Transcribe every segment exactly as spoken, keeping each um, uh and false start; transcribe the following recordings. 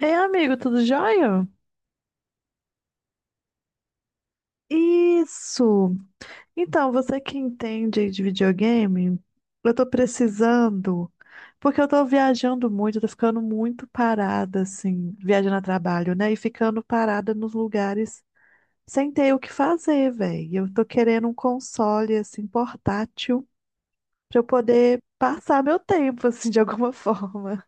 Ei, amigo, tudo jóia? Isso! Então, você que entende de videogame, eu tô precisando, porque eu tô viajando muito, eu tô ficando muito parada, assim, viajando a trabalho, né? E ficando parada nos lugares sem ter o que fazer, velho. Eu tô querendo um console, assim, portátil, pra eu poder passar meu tempo, assim, de alguma forma.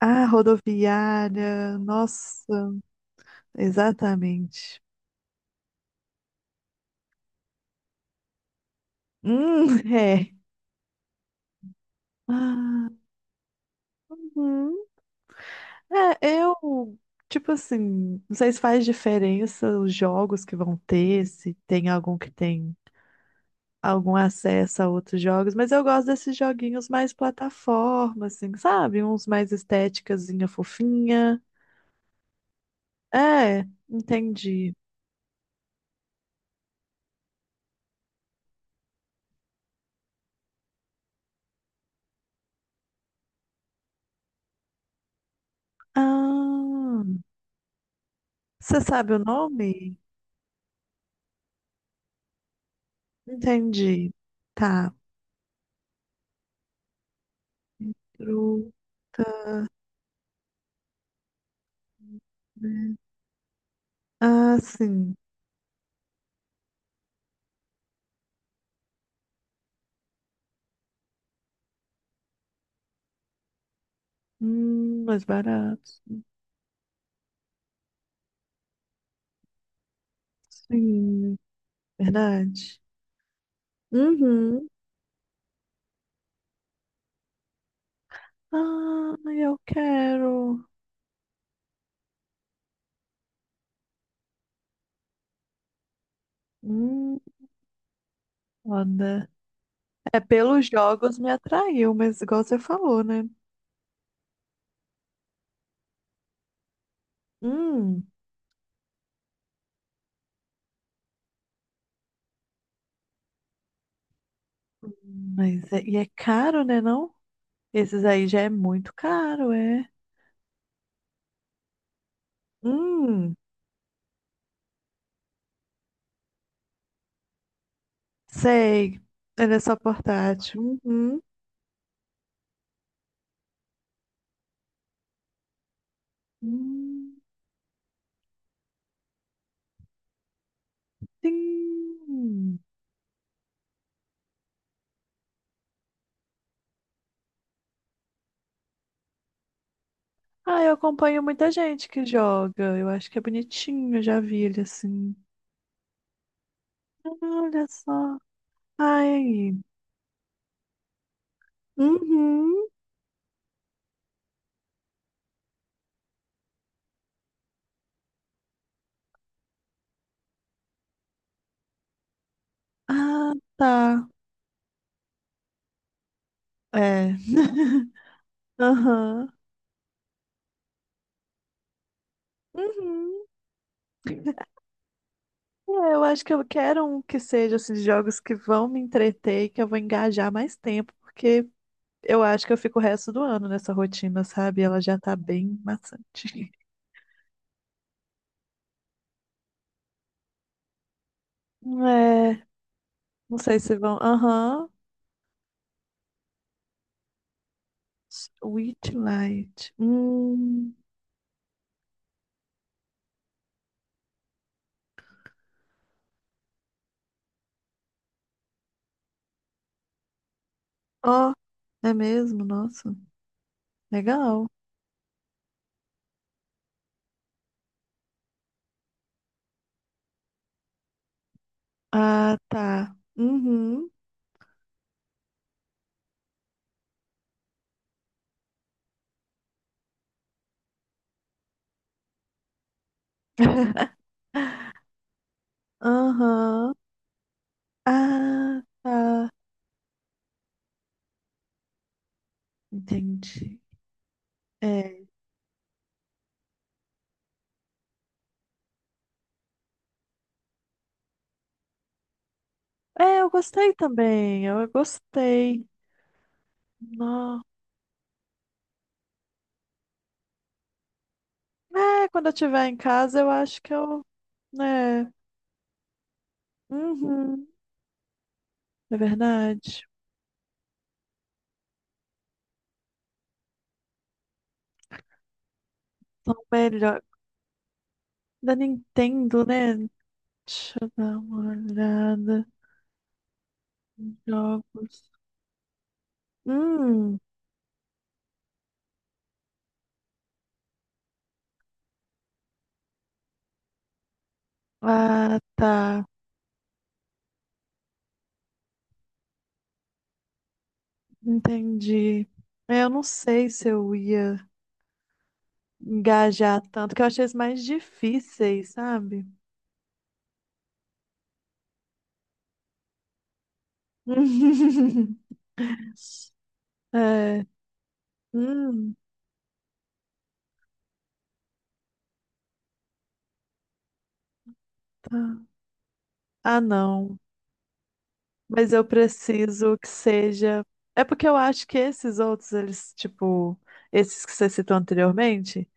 Ah, rodoviária, nossa, exatamente. Hum, é. Ah, hum. É, eu, tipo assim, não sei se faz diferença os jogos que vão ter, se tem algum que tem algum acesso a outros jogos, mas eu gosto desses joguinhos mais plataforma, assim, sabe? Uns mais estéticazinha fofinha. É, entendi. Ah, você sabe o nome? Entendi. Tá. Fruta, né? Ah, sim. Hum, mais barato. Sim. Verdade? Uhum. Ai, eu quero. Hum, olha. É, pelos jogos me atraiu, mas igual você falou, né? Hum, mas é, e é caro, né, não? Esses aí já é muito caro, é. Hum, sei. Ele é só portátil. Uhum. Hum, sim. Ah, eu acompanho muita gente que joga. Eu acho que é bonitinho, eu já vi ele assim. Olha só. Ai. Uhum. Ah, tá. É. Aham. Uhum. É, eu acho que eu quero um que seja esses jogos que vão me entreter e que eu vou engajar mais tempo, porque eu acho que eu fico o resto do ano nessa rotina, sabe? Ela já tá bem maçante. É, não sei se vão. Aham. Witchlight. Hum. Ó, é mesmo? Nossa. Legal. Ah, tá. Uhum. Aham. Ah, tá. Entendi. É. É, eu gostei também. Eu gostei. Não. É, quando eu estiver em casa, eu acho que eu, né? Uhum. É verdade. São melhor. Da Nintendo, né? Deixa eu dar uma olhada. Jogos. Hum. Ah, tá. Entendi. É, eu não sei se eu ia engajar tanto, que eu achei isso mais difíceis, sabe? É. Hum, tá. Ah, não. Mas eu preciso que seja. É porque eu acho que esses outros, eles, tipo, esses que você citou anteriormente,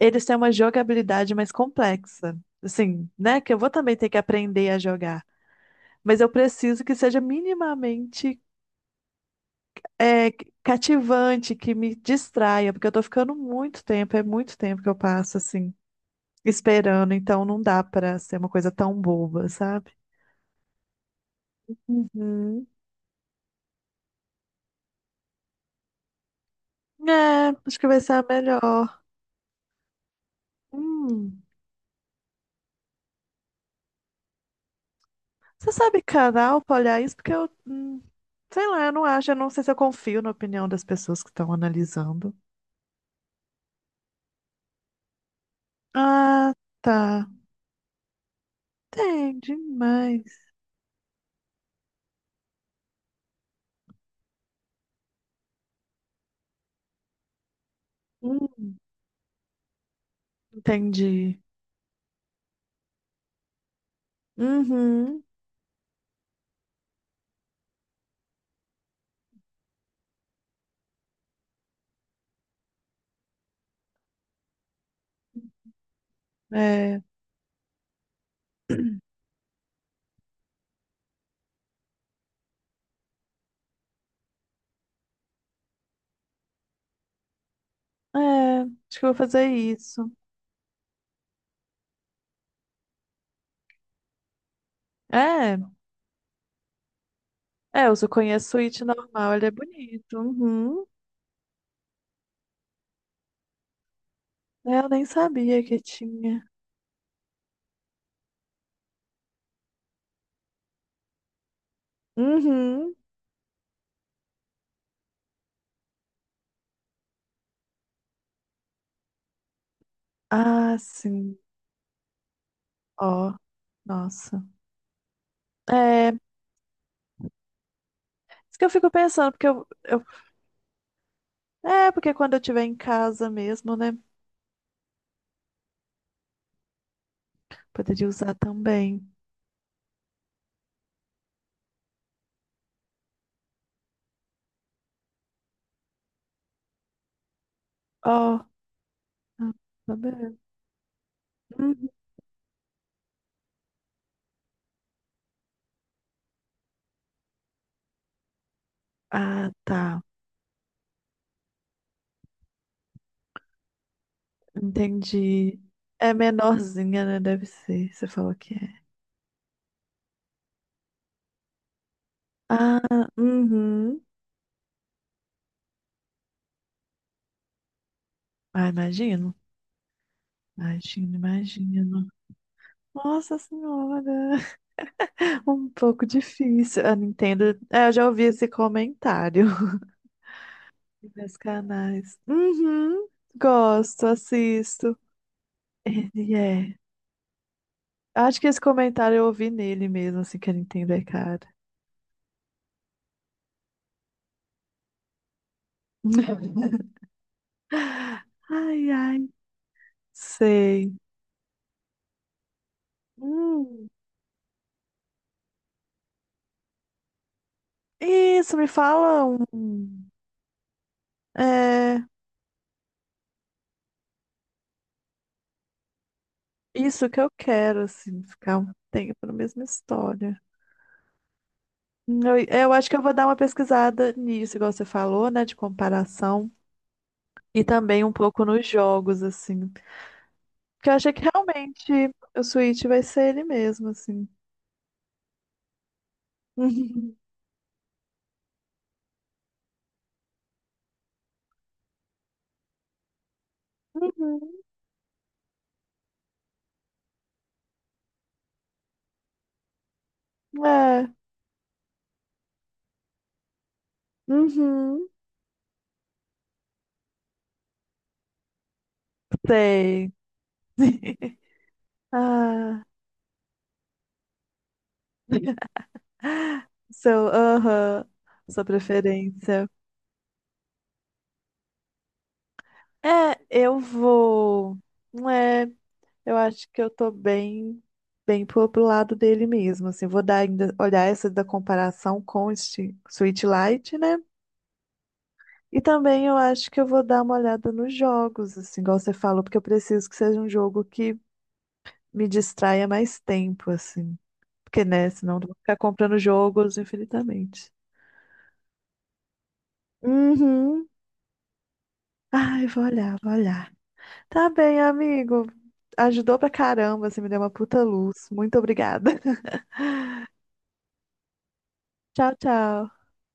eles têm uma jogabilidade mais complexa. Assim, né? Que eu vou também ter que aprender a jogar. Mas eu preciso que seja minimamente é, cativante, que me distraia, porque eu tô ficando muito tempo, é muito tempo que eu passo, assim, esperando. Então não dá pra ser uma coisa tão boba, sabe? Uhum. É, acho que vai ser a melhor. Hum. Você sabe canal pra olhar isso? Porque eu, hum, sei lá, eu não acho, eu não sei se eu confio na opinião das pessoas que estão analisando. Ah, tá. Tem demais. Hum, entendi. Uhum. É, é, acho que eu vou fazer isso. É, é, eu só conheço o it normal, ele é bonito. Uhum. É, eu nem sabia que tinha. Uhum. Ah, sim. Ó, nossa. É, isso que eu fico pensando, porque eu, eu- É, porque quando eu estiver em casa mesmo, né? Poderia usar também. Ó, ah, tá bem. Uhum. Ah, tá. Entendi. É menorzinha, né? Deve ser. Você falou que é. Ah, uhum. Ah, imagino. Imagino, imagino. Nossa Senhora. Um pouco difícil. A Nintendo. É, eu já ouvi esse comentário nos canais. Uhum. Gosto, assisto. Ele é. Acho que esse comentário eu ouvi nele mesmo, assim, que ele entender, cara. Ai, ai, sei. Hum, isso, me fala um. É, isso que eu quero, assim, ficar um tempo na mesma história. Hum, Eu, eu acho que eu vou dar uma pesquisada nisso, igual você falou, né, de comparação. E também um pouco nos jogos, assim. Porque eu achei que realmente o Switch vai ser ele mesmo, assim. Uhum. Uhum. É. Uhum. Sei. Ah, seu, aham, sua preferência. É, eu vou. Não é, eu acho que eu tô bem, bem pro, pro lado dele mesmo. Assim, vou dar ainda, olhar essa da comparação com o Sti- Sweet Light, né? E também eu acho que eu vou dar uma olhada nos jogos, assim, igual você falou, porque eu preciso que seja um jogo que me distraia mais tempo, assim. Porque, né, senão eu vou ficar comprando jogos infinitamente. Uhum. Ai, vou olhar, vou olhar. Tá bem, amigo. Ajudou pra caramba, você me deu uma puta luz. Muito obrigada. Tchau, tchau.